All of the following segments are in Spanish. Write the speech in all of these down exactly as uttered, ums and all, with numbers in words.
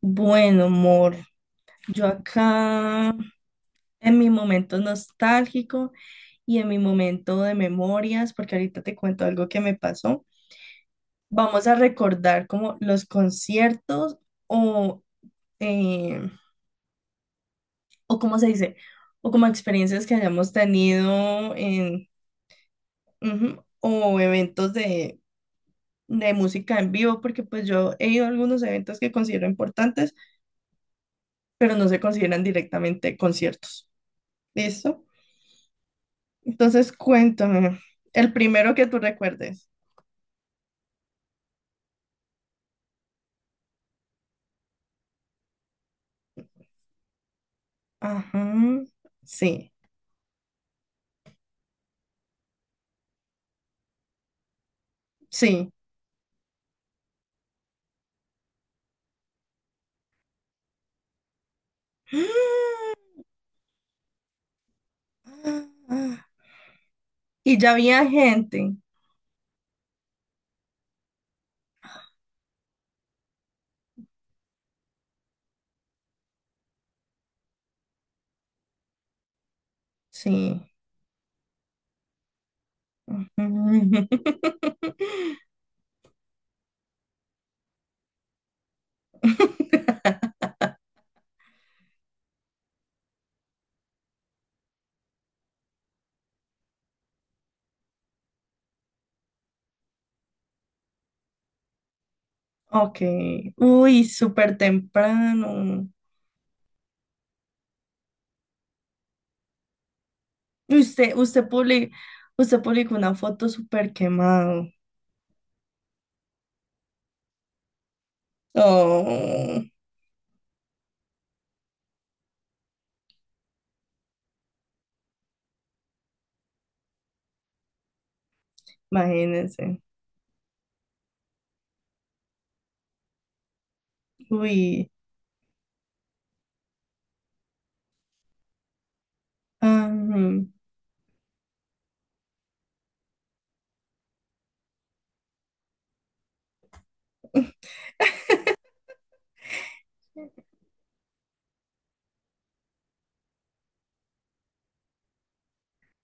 Bueno, amor, yo acá en mi momento nostálgico y en mi momento de memorias, porque ahorita te cuento algo que me pasó, vamos a recordar como los conciertos o, eh, o cómo se dice, o como experiencias que hayamos tenido en, ujú, o eventos de, de música en vivo, porque pues yo he ido a algunos eventos que considero importantes, pero no se consideran directamente conciertos. ¿Listo? Entonces, cuéntame, el primero que tú recuerdes. Ajá, sí, sí. Ah, y ya había gente. Sí. Ujú. Ok. Uy, súper temprano. Usted, usted publi- usted publicó una foto súper quemado. Oh, imagínense. Uy. Ah,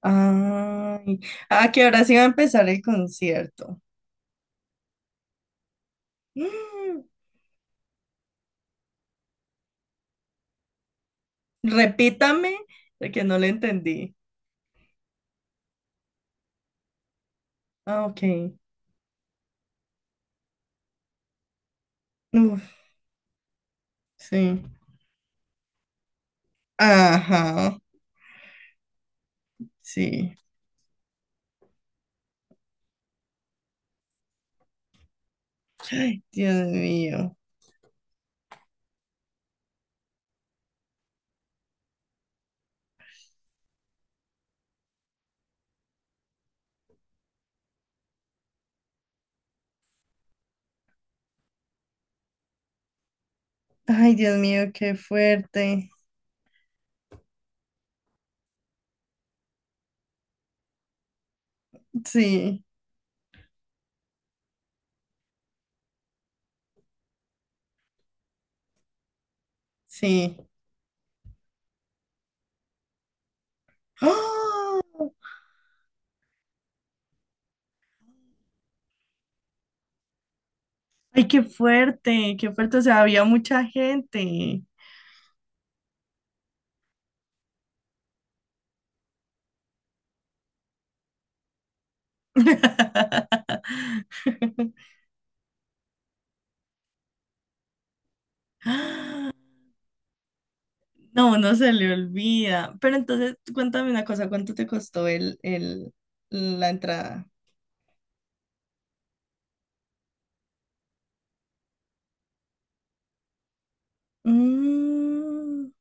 Ay. ¿Ah, que ahora sí va a empezar el concierto? Repítame, de que no le entendí. Ah, ok. Uf, sí. Ajá, sí. Dios mío. Ay, Dios mío, qué fuerte. Sí, sí. ¡Ah! Ay, qué fuerte, qué fuerte. O sea, había mucha gente. No, no se le olvida. Pero entonces, cuéntame una cosa, ¿cuánto te costó el, el, la entrada? Mm,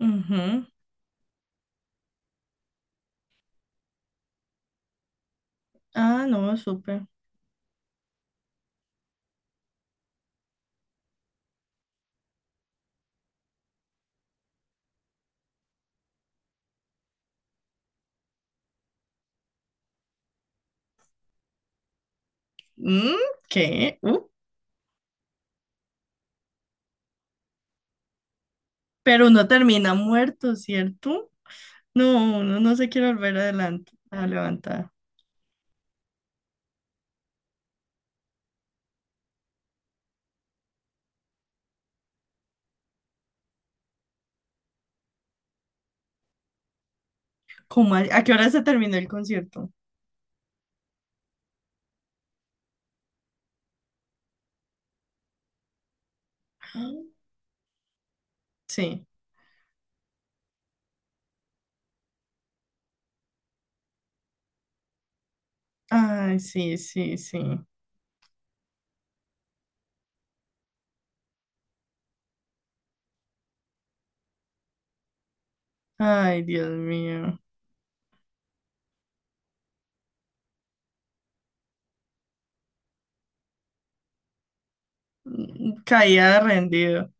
ujú. Ah, no, súper. Mm, ¿qué? Uh, ¿pero no termina muerto, cierto? No, uno no se quiere volver adelante, a levantar. ¿Cómo a, a qué hora se terminó el concierto? Ah, sí. Ay, sí, sí, sí. Ay, Dios mío. Mm, caía rendido.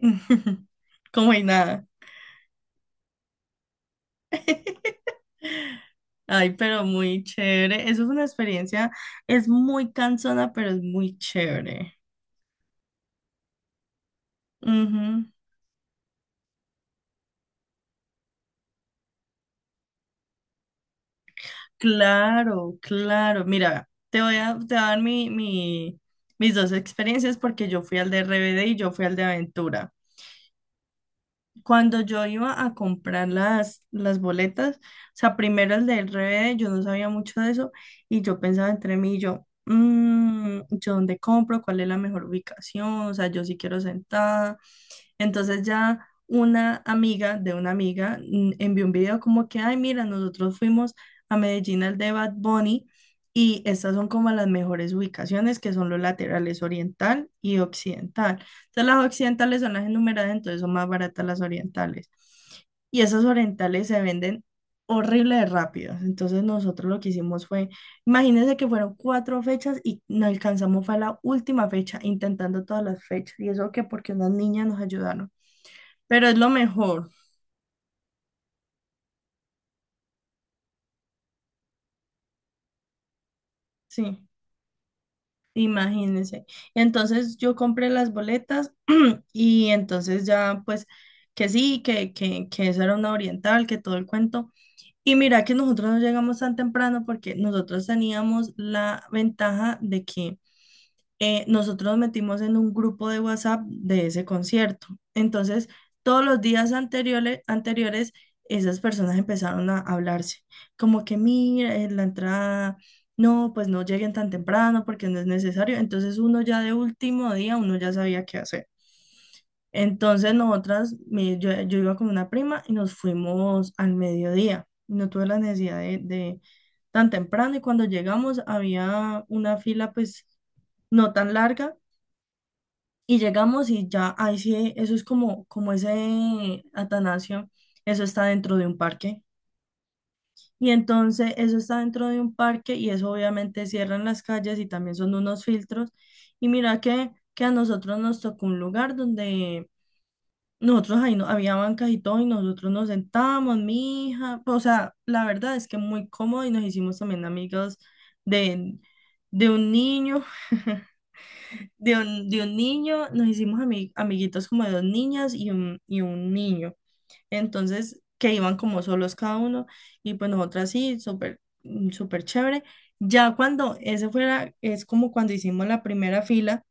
Como y nada. Ay, pero muy chévere. Eso fue una experiencia. Es muy cansona, pero es muy chévere. Ujú. Claro, claro. Mira, te voy a, te voy a dar mi, mi- mis dos experiencias porque yo fui al de R B D y yo fui al de Aventura cuando yo iba a comprar las, las boletas. O sea, primero el del R B D, yo no sabía mucho de eso y yo pensaba entre mí y yo, "Mm, ¿yo dónde compro? ¿Cuál es la mejor ubicación?" O sea, yo sí quiero sentada. Entonces ya una amiga de una amiga mm, envió un video como que, ay, mira, nosotros fuimos a Medellín al de Bad Bunny y estas son como las mejores ubicaciones que son los laterales oriental y occidental. Sea, las occidentales son las enumeradas, entonces son más baratas las orientales. Y esas orientales se venden horrible de rápidas. Entonces nosotros lo que hicimos fue, imagínense que fueron cuatro fechas y no alcanzamos, fue la última fecha, intentando todas las fechas. Y eso que porque unas niñas nos ayudaron. Pero es lo mejor, sí, imagínense. Y entonces yo compré las boletas y entonces ya pues que sí, que, que, que esa era una oriental, que todo el cuento. Y mira que nosotros no llegamos tan temprano porque nosotros teníamos la ventaja de que eh, nosotros nos metimos en un grupo de WhatsApp de ese concierto. Entonces, todos los días anteriores, anteriores esas personas empezaron a hablarse, como que mira, eh, la entrada, no, pues no lleguen tan temprano porque no es necesario. Entonces, uno ya de último día, uno ya sabía qué hacer. Entonces, nosotras, mi- yo, yo iba con una prima y nos fuimos al mediodía. No tuve la necesidad de, de tan temprano y cuando llegamos había una fila, pues no tan larga, y llegamos y ya, ahí sí, eso es como, como ese Atanasio, eso está dentro de un parque. Y entonces eso está dentro de un parque y eso obviamente cierran las calles y también son unos filtros. Y mira que, que a nosotros nos tocó un lugar donde nosotros ahí no, había bancas y todo y nosotros nos sentábamos, mi hija, o sea, la verdad es que muy cómodo y nos hicimos también amigos de, de un niño. De un, de un niño, nos hicimos ami- amiguitos como de dos niñas y un, y un niño. Entonces, que iban como solos cada uno y pues nosotras sí, súper, mm, súper chévere. Ya cuando ese fuera, es como cuando hicimos la primera fila,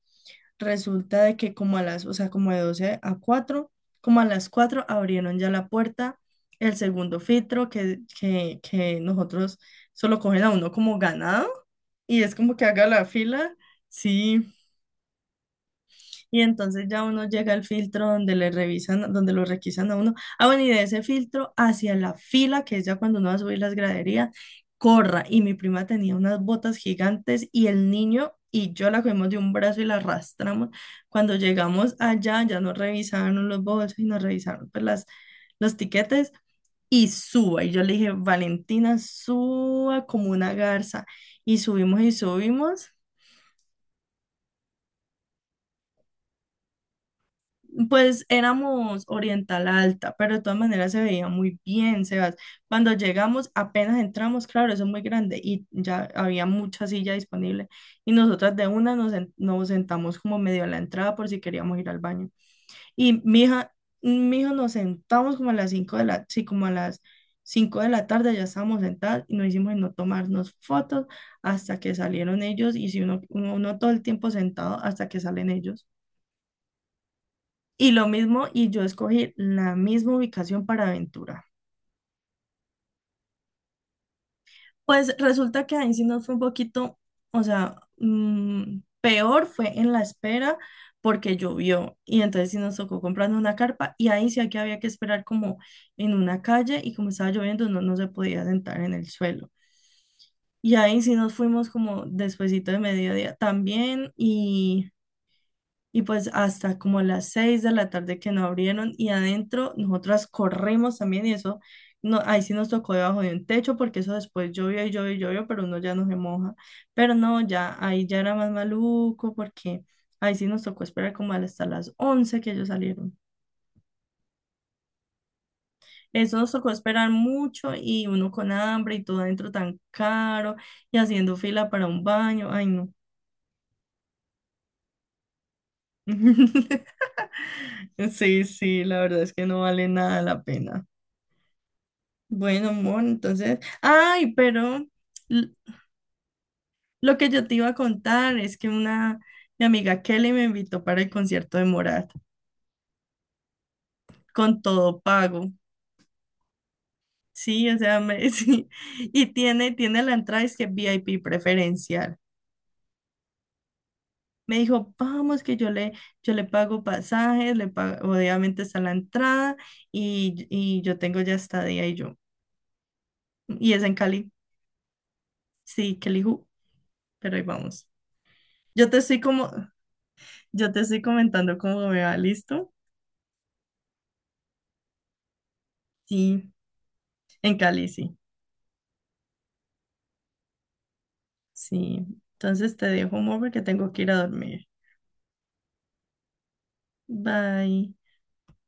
resulta de que como a las, o sea, como de doce a cuatro, como a las cuatro abrieron ya la puerta, el segundo filtro que, que, que nosotros solo cogen a uno como ganado y es como que haga la fila. Sí, y entonces ya uno llega al filtro donde le revisan, donde lo requisan a uno. Ah, bueno, y de ese filtro hacia la fila, que es ya cuando uno va a subir las graderías, corra. Y mi prima tenía unas botas gigantes y el niño y yo la cogimos de un brazo y la arrastramos. Cuando llegamos allá, ya nos revisaron los bolsos y nos revisaron pues, las, los tiquetes y suba. Y yo le dije, Valentina, suba como una garza. Y subimos y subimos. Pues éramos Oriental Alta, pero de todas maneras se veía muy bien, Sebas. Cuando llegamos, apenas entramos, claro, eso es muy grande y ya había mucha silla disponible. Y nosotras de una nos, sen- nos sentamos como medio a la entrada por si queríamos ir al baño. Y mi hija, mi hijo nos sentamos como a las cinco de la, sí, como a las cinco de la tarde ya estábamos sentadas y nos hicimos en no tomarnos fotos hasta que salieron ellos y si uno, uno, uno todo el tiempo sentado hasta que salen ellos. Y lo mismo, y yo escogí la misma ubicación para aventura. Pues resulta que ahí sí nos fue un poquito, o sea, mm, peor fue en la espera porque llovió y entonces sí nos tocó comprando una carpa y ahí sí que había que esperar como en una calle y como estaba lloviendo no, no se podía sentar en el suelo. Y ahí sí nos fuimos como despuesito de mediodía también y Y pues hasta como a las seis de la tarde que no abrieron y adentro nosotras corrimos también y eso, no, ahí sí nos tocó debajo de un techo porque eso después llovió y llovió y llovió, pero uno ya no se moja. Pero no, ya ahí ya era más maluco porque ahí sí nos tocó esperar como hasta las once que ellos salieron. Eso nos tocó esperar mucho y uno con hambre y todo adentro tan caro y haciendo fila para un baño. Ay, no. Sí, sí, la verdad es que no vale nada la pena. Bueno, Mon, entonces, ay, pero l- lo que yo te iba a contar es que una, mi amiga Kelly me invitó para el concierto de Morat con todo pago. Sí, o sea, me, sí, y tiene, tiene la entrada, es que V I P preferencial. Me dijo, vamos, que yo le, yo le pago pasajes, le pago, obviamente está la entrada y, y yo tengo ya estadía y yo. Y es en Cali. Sí, Kelly, ju, pero ahí vamos. Yo te estoy como, yo te estoy comentando cómo me va, ¿listo? Sí, en Cali, sí. Sí. Entonces te dejo, amor, porque tengo que ir a dormir. Bye.